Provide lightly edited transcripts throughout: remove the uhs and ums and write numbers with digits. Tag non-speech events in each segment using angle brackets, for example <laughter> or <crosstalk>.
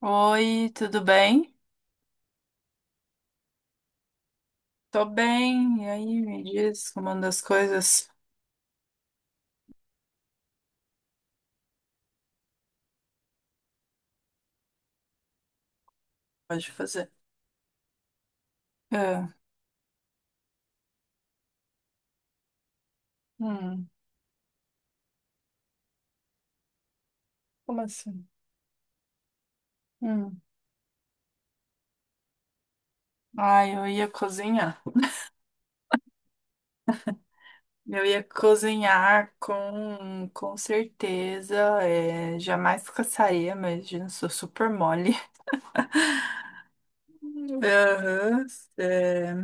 Oi, tudo bem? Tô bem. E aí, me diz como anda as coisas? Pode fazer. É. Hum, Como assim? Hum. Ai, eu ia cozinhar. Eu ia cozinhar com certeza. É, jamais caçaria, imagina, sou super mole. Aham, é,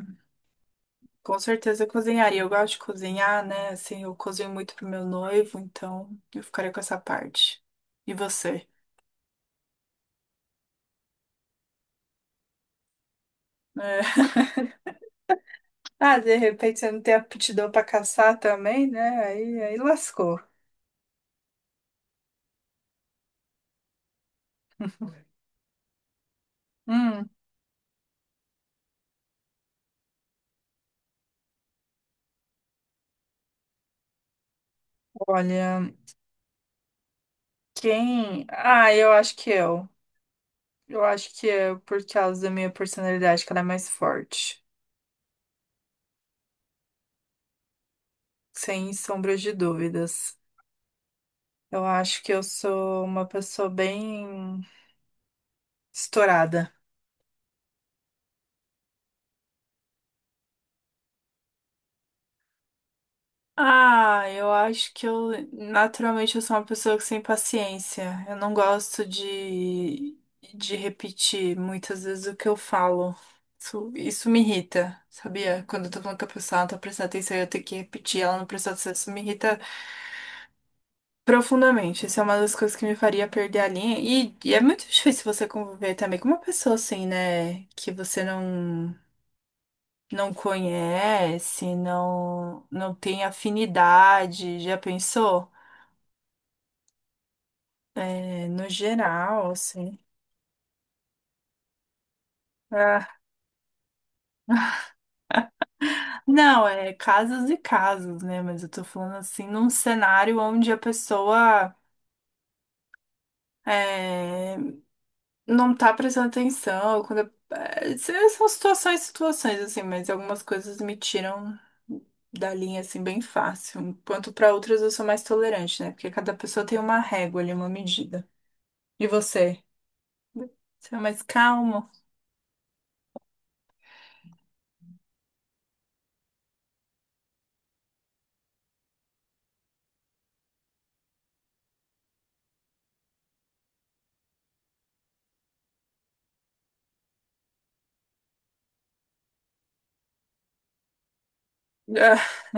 com certeza eu cozinharia. Eu gosto de cozinhar, né? Assim, eu cozinho muito pro meu noivo, então eu ficaria com essa parte. E você? É. Ah, de repente você não tem aptidão para caçar também, né? Aí lascou. Hum, olha, quem. Ah, eu acho que eu. Eu acho que é por causa da minha personalidade que ela é mais forte. Sem sombra de dúvidas. Eu acho que eu sou uma pessoa bem estourada. Ah, eu acho que eu naturalmente eu sou uma pessoa que sem paciência. Eu não gosto de repetir muitas vezes o que eu falo. Isso me irrita, sabia? Quando eu tô falando com a pessoa, ela não tá prestando atenção e eu tenho que repetir, ela não prestou atenção, isso me irrita profundamente. Isso é uma das coisas que me faria perder a linha. E é muito difícil você conviver também com uma pessoa assim, né? Que você não, não conhece, não, não tem afinidade. Já pensou? É, no geral, assim. Ah, não, é casos e casos, né? Mas eu tô falando assim, num cenário onde a pessoa é, não tá prestando atenção. Quando, é, são situações, situações, assim, mas algumas coisas me tiram da linha, assim, bem fácil. Enquanto pra outras eu sou mais tolerante, né? Porque cada pessoa tem uma régua ali, uma medida. E você? Você é mais calmo? <laughs>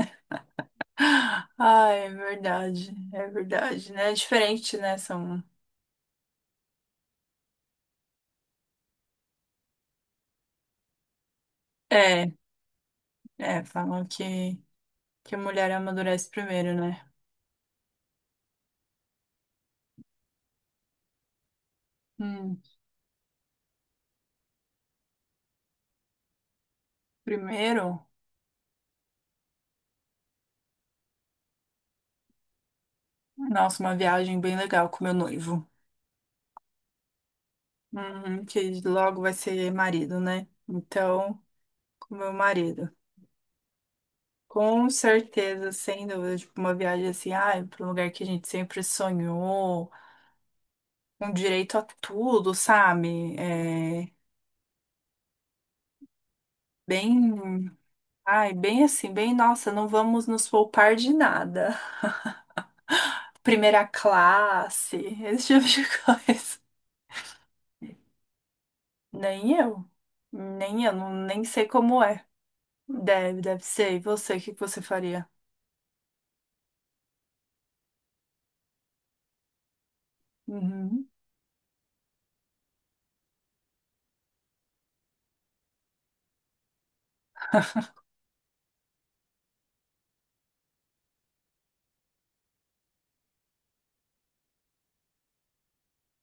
Ah, é verdade, né? É diferente, né? São. É, é, falam que, a mulher amadurece primeiro, né? Hum, primeiro, nossa, uma viagem bem legal com meu noivo. Uhum, que logo vai ser marido, né? Então, com meu marido. Com certeza, sem dúvida, tipo, uma viagem assim, ai, para um lugar que a gente sempre sonhou, um direito a tudo, sabe? É, bem, ai, bem assim, bem, nossa, não vamos nos poupar de nada. Primeira classe, <laughs> esse tipo de coisa. Nem eu. Nem eu, não, nem sei como é. Deve ser. E você, o que que você faria? Uhum.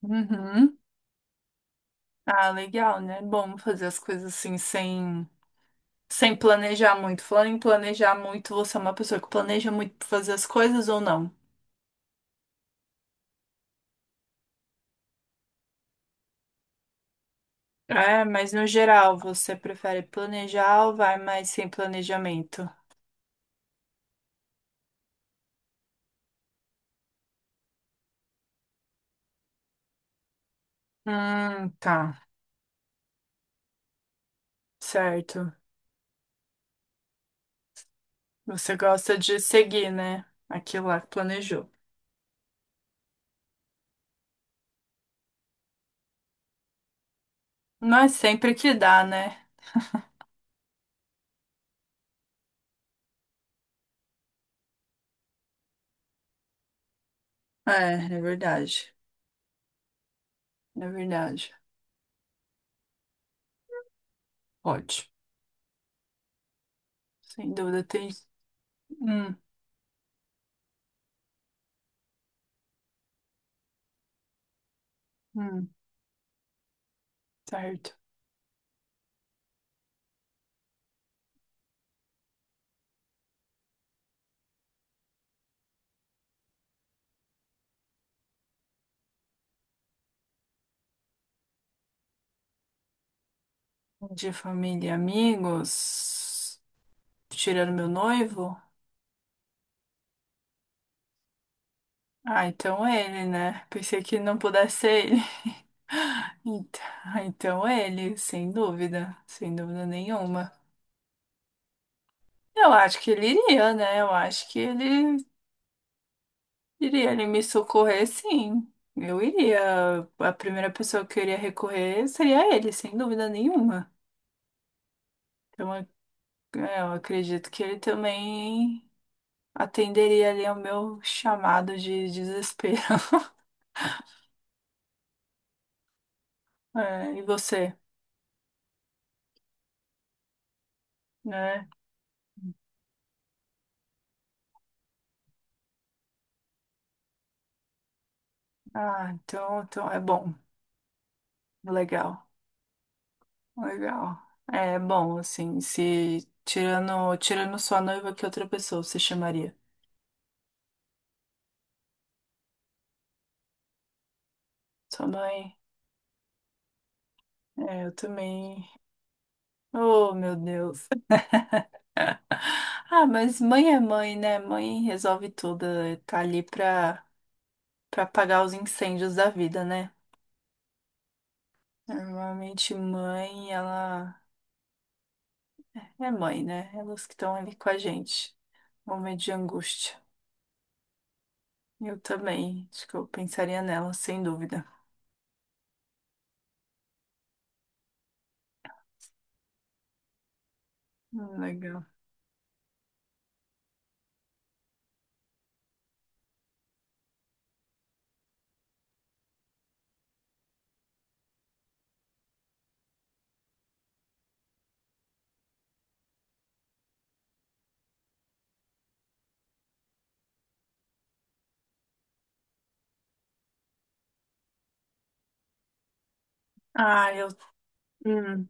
Uhum. Ah, legal, né? Bom fazer as coisas assim sem planejar muito. Falando em planejar muito, você é uma pessoa que planeja muito pra fazer as coisas ou não? É, mas no geral, você prefere planejar ou vai mais sem planejamento? Tá, certo. Você gosta de seguir, né? Aquilo lá que planejou. Mas sempre que dá, né? É, é verdade. É verdade. Pode. Sem dúvida, tem. Hum, hum, certo. De família e amigos. Tirando meu noivo? Ah, então é ele, né? Pensei que não pudesse ser ele. <laughs> Então, então, é ele, sem dúvida. Sem dúvida nenhuma. Eu acho que ele iria, né? Eu acho que ele iria. Ele me socorrer, sim. Eu iria. A primeira pessoa que eu iria recorrer seria ele, sem dúvida nenhuma. Então, É, eu acredito que ele também atenderia ali ao meu chamado de desespero. <laughs> É, e você, né? Ah, então é bom, legal, legal. É bom, assim, se tirando sua noiva, que outra pessoa você chamaria? Sua mãe? É, eu também. Oh, meu Deus. <laughs> Ah, mas mãe é mãe, né? Mãe resolve tudo, né? Tá ali pra, pra apagar os incêndios da vida, né? Normalmente mãe, ela é mãe, né? Elas que estão ali com a gente. Momento de angústia. Eu também. Acho que eu pensaria nela, sem dúvida. Legal. Ah, eu. Hum,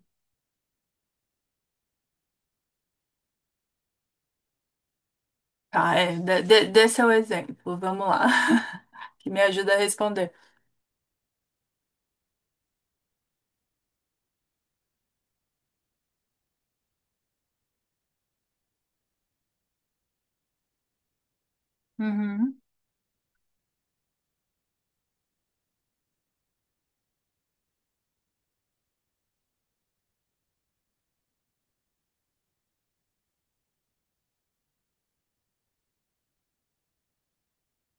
tá, é. Dê seu exemplo. Vamos lá. <laughs> Que me ajuda a responder. Uhum.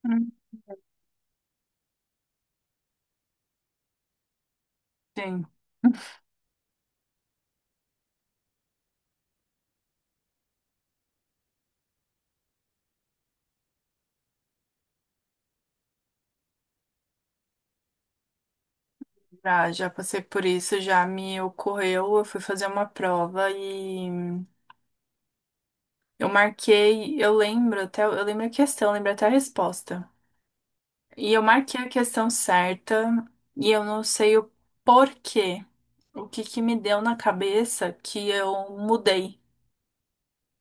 Hum, sim, já passei por isso, já me ocorreu. Eu fui fazer uma prova e eu marquei. Eu lembro até. Eu lembro a questão, lembro até a resposta. E eu marquei a questão certa e eu não sei o porquê. O que que me deu na cabeça que eu mudei.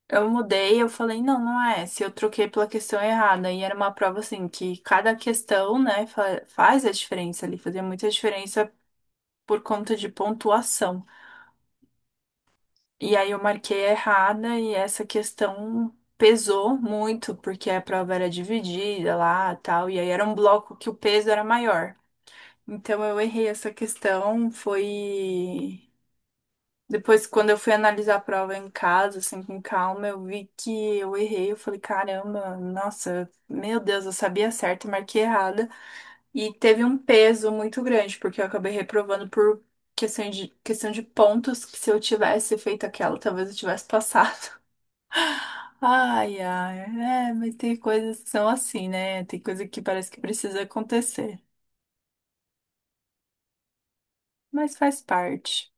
Eu mudei, eu falei, não, não é essa. Eu troquei pela questão errada. E era uma prova assim, que cada questão, né, faz a diferença ali, fazia muita diferença por conta de pontuação. E aí eu marquei errada e essa questão pesou muito, porque a prova era dividida lá, tal, e aí era um bloco que o peso era maior. Então eu errei essa questão, foi depois quando eu fui analisar a prova em casa, assim, com calma, eu vi que eu errei, eu falei, caramba, nossa, meu Deus, eu sabia certo, eu marquei errada. E teve um peso muito grande, porque eu acabei reprovando por questão de pontos que se eu tivesse feito aquela, talvez eu tivesse passado. <laughs> Ai, ai, é, mas tem coisas que são assim, né? Tem coisa que parece que precisa acontecer, mas faz parte.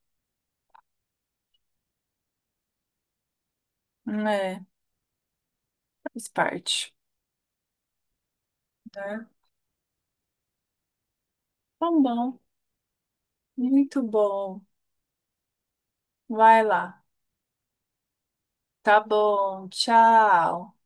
Né? Faz parte, né? Tá bom, muito bom. Vai lá. Tá bom, tchau.